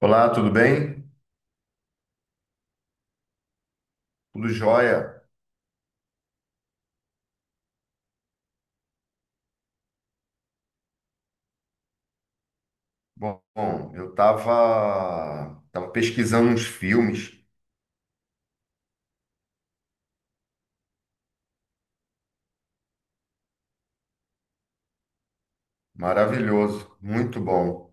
Olá, tudo bem? Tudo jóia? Bom, eu estava tava tava pesquisando uns filmes, maravilhoso, muito bom.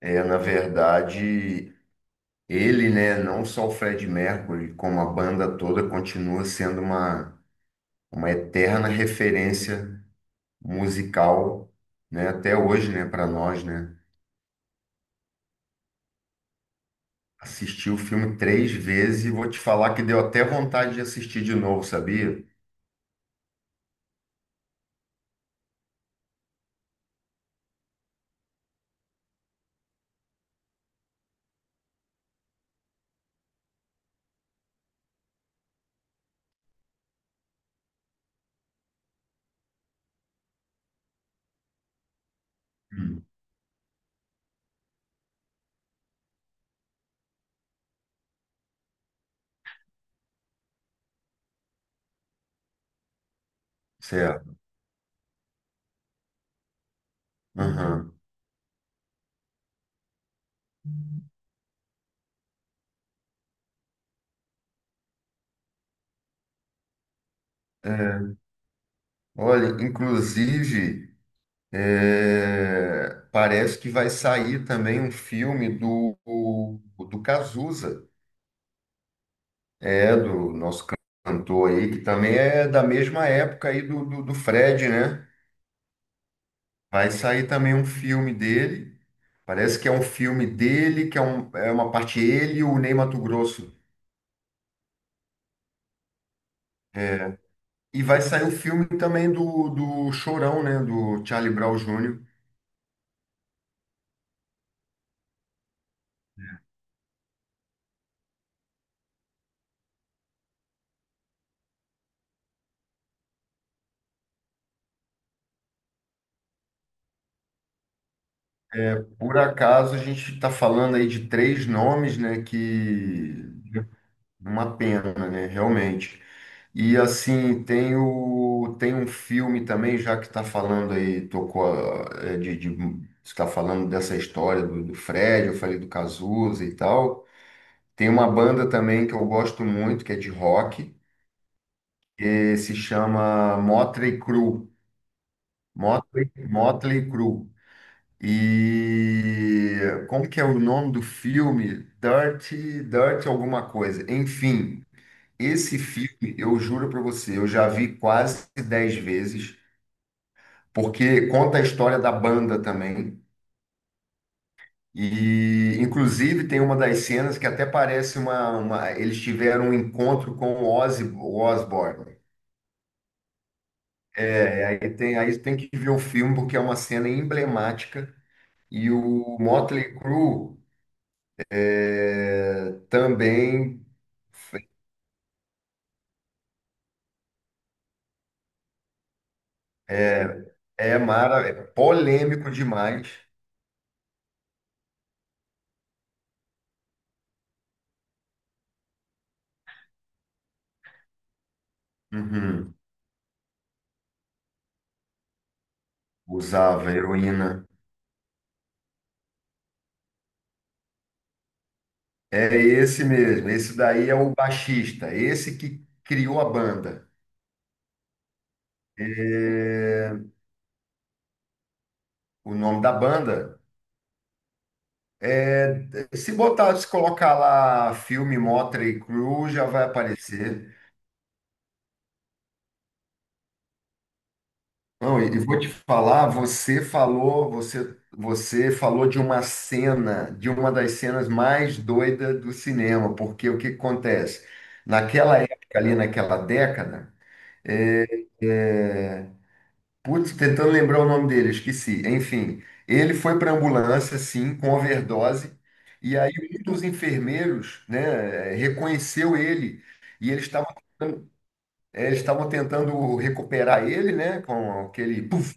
É, na verdade, ele, né, não só o Fred Mercury, como a banda toda, continua sendo uma eterna referência musical, né, até hoje, né, para nós, né. Assisti o filme três vezes e vou te falar que deu até vontade de assistir de novo, sabia? Hum. Certo. Aham. É, olha, inclusive, é, parece que vai sair também um filme do Cazuza, é, do nosso cantor aí, que também é da mesma época aí do Fred, né? Vai sair também um filme dele, parece que é um filme dele, que é, um, é uma parte ele e o Ney Matogrosso. É, e vai sair o filme também do Chorão, né? Do Charlie Brown Júnior. Por acaso a gente está falando aí de três nomes, né? Que uma pena, né? Realmente. E assim, tem um filme também, já que está falando aí, tocou a- é, de, está falando dessa história do Fred, eu falei do Cazuza e tal. Tem uma banda também que eu gosto muito, que é de rock, que se chama Motley Crue. Motley, Motley Crue. E como que é o nome do filme? Dirty, Dirty alguma coisa. Enfim, esse filme, eu juro para você, eu já vi quase 10 vezes, porque conta a história da banda também. E inclusive tem uma das cenas que até parece eles tiveram um encontro com o Ozzy Osbourne. É, aí tem que ver o filme porque é uma cena emblemática e o Motley Crue é, também é, mara, é polêmico demais. Uhum. Usava heroína. É esse mesmo. Esse daí é o baixista. Esse que criou a banda. É, o nome da banda é. Se colocar lá filme Motley Crue, já vai aparecer. Não, e vou te falar, você falou, você falou de uma cena, de uma das cenas mais doidas do cinema, porque o que que acontece? Naquela época ali, naquela década, é, é, putz, tentando lembrar o nome dele, esqueci. Enfim, ele foi para ambulância, sim, com overdose, e aí um dos enfermeiros, né, reconheceu ele, e eles estavam tentando recuperar ele, né, com aquele puff.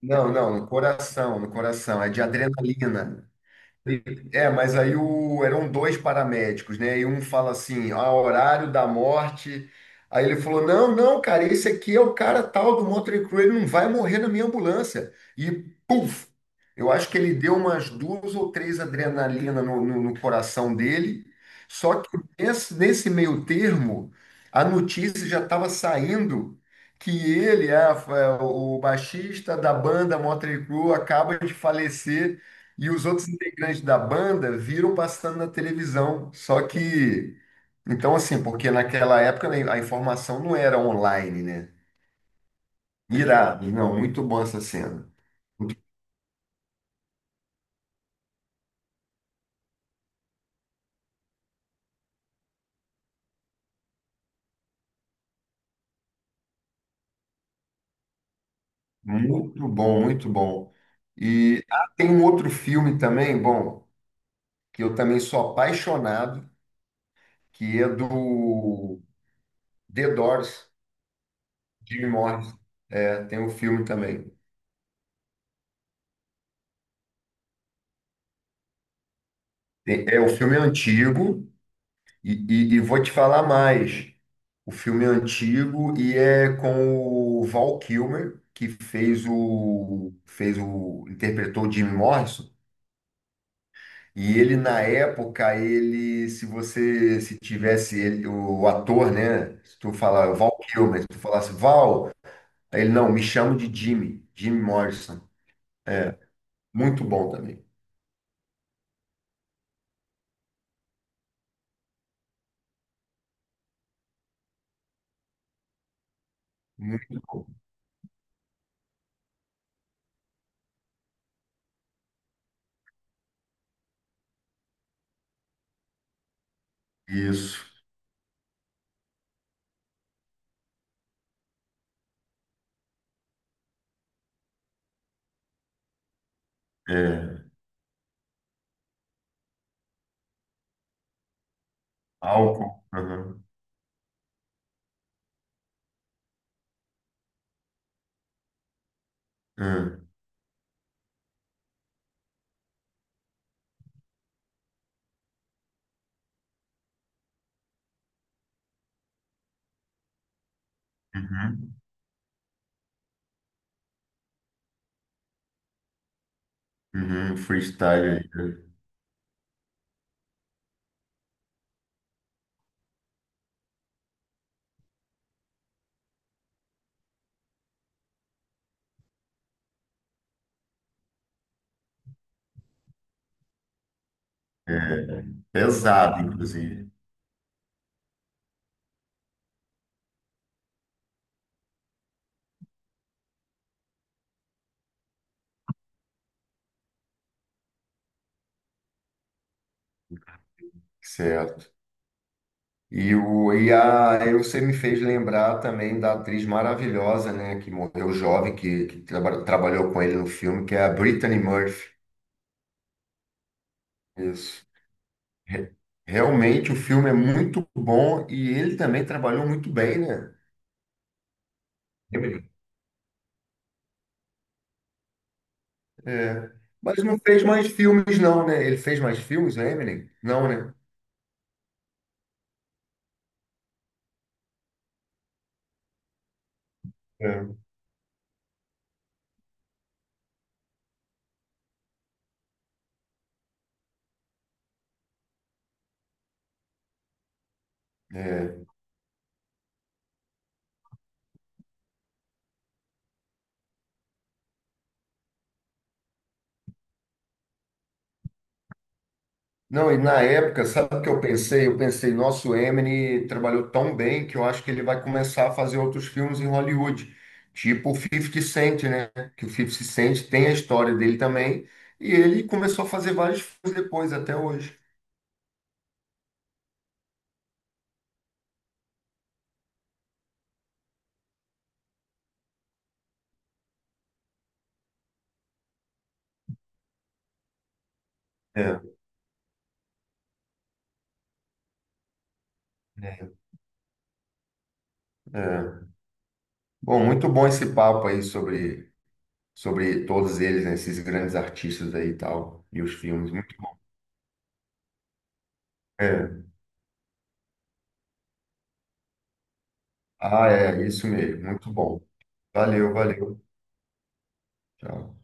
Não, não, no coração, no coração, é de adrenalina. É, mas eram dois paramédicos, né? E um fala assim, ah, horário da morte. Aí ele falou, não, não, cara, esse aqui é o cara tal do Motley Crue, ele não vai morrer na minha ambulância. E puf! Eu acho que ele deu umas duas ou três adrenalina no coração dele. Só que nesse meio termo, a notícia já estava saindo que ele, ah, o baixista da banda Motley Crue, acaba de falecer. E os outros integrantes da banda viram passando na televisão. Só que, então assim, porque naquela época né, a informação não era online, né? Irado, não, muito bom essa cena. Muito, muito bom, muito bom. E ah, tem um outro filme também, bom, que eu também sou apaixonado, que é do The Doors, Jim Morrison. É, tem um filme também. O filme é antigo, E vou te falar mais. O filme é antigo e é com o Val Kilmer, que interpretou o Jim Morrison. E ele, na época, ele, se tivesse ele, o ator, né? Se tu falar Val Kilmer, se tu falasse Val, aí ele, não, me chamo de Jimmy, Jim Morrison. Muito bom também. Muito bom. Isso. É. Álcool. Aham. Aham. Uhum. Uhum. Freestyle aí, né? É, pesado, inclusive. Certo. E você me fez lembrar também da atriz maravilhosa, né, que morreu jovem, que trabalhou com ele no filme, que é a Brittany Murphy. Isso. Re- Realmente o filme é muito bom e ele também trabalhou muito bem, né? Eminem. É. Mas não fez mais filmes, não, né? Ele fez mais filmes, né, Eminem? Não, né? É. É. Não, e na época, sabe o que eu pensei? Eu pensei, nosso Eminem trabalhou tão bem que eu acho que ele vai começar a fazer outros filmes em Hollywood, tipo o Fifty Cent, né? Que o Fifty Cent tem a história dele também, e ele começou a fazer vários filmes depois, até hoje. É, é, é. Bom, muito bom esse papo aí sobre, sobre todos eles, né? Esses grandes artistas aí e tal, e os filmes, muito bom. É. Ah, é, isso mesmo, muito bom. Valeu, valeu. Tchau.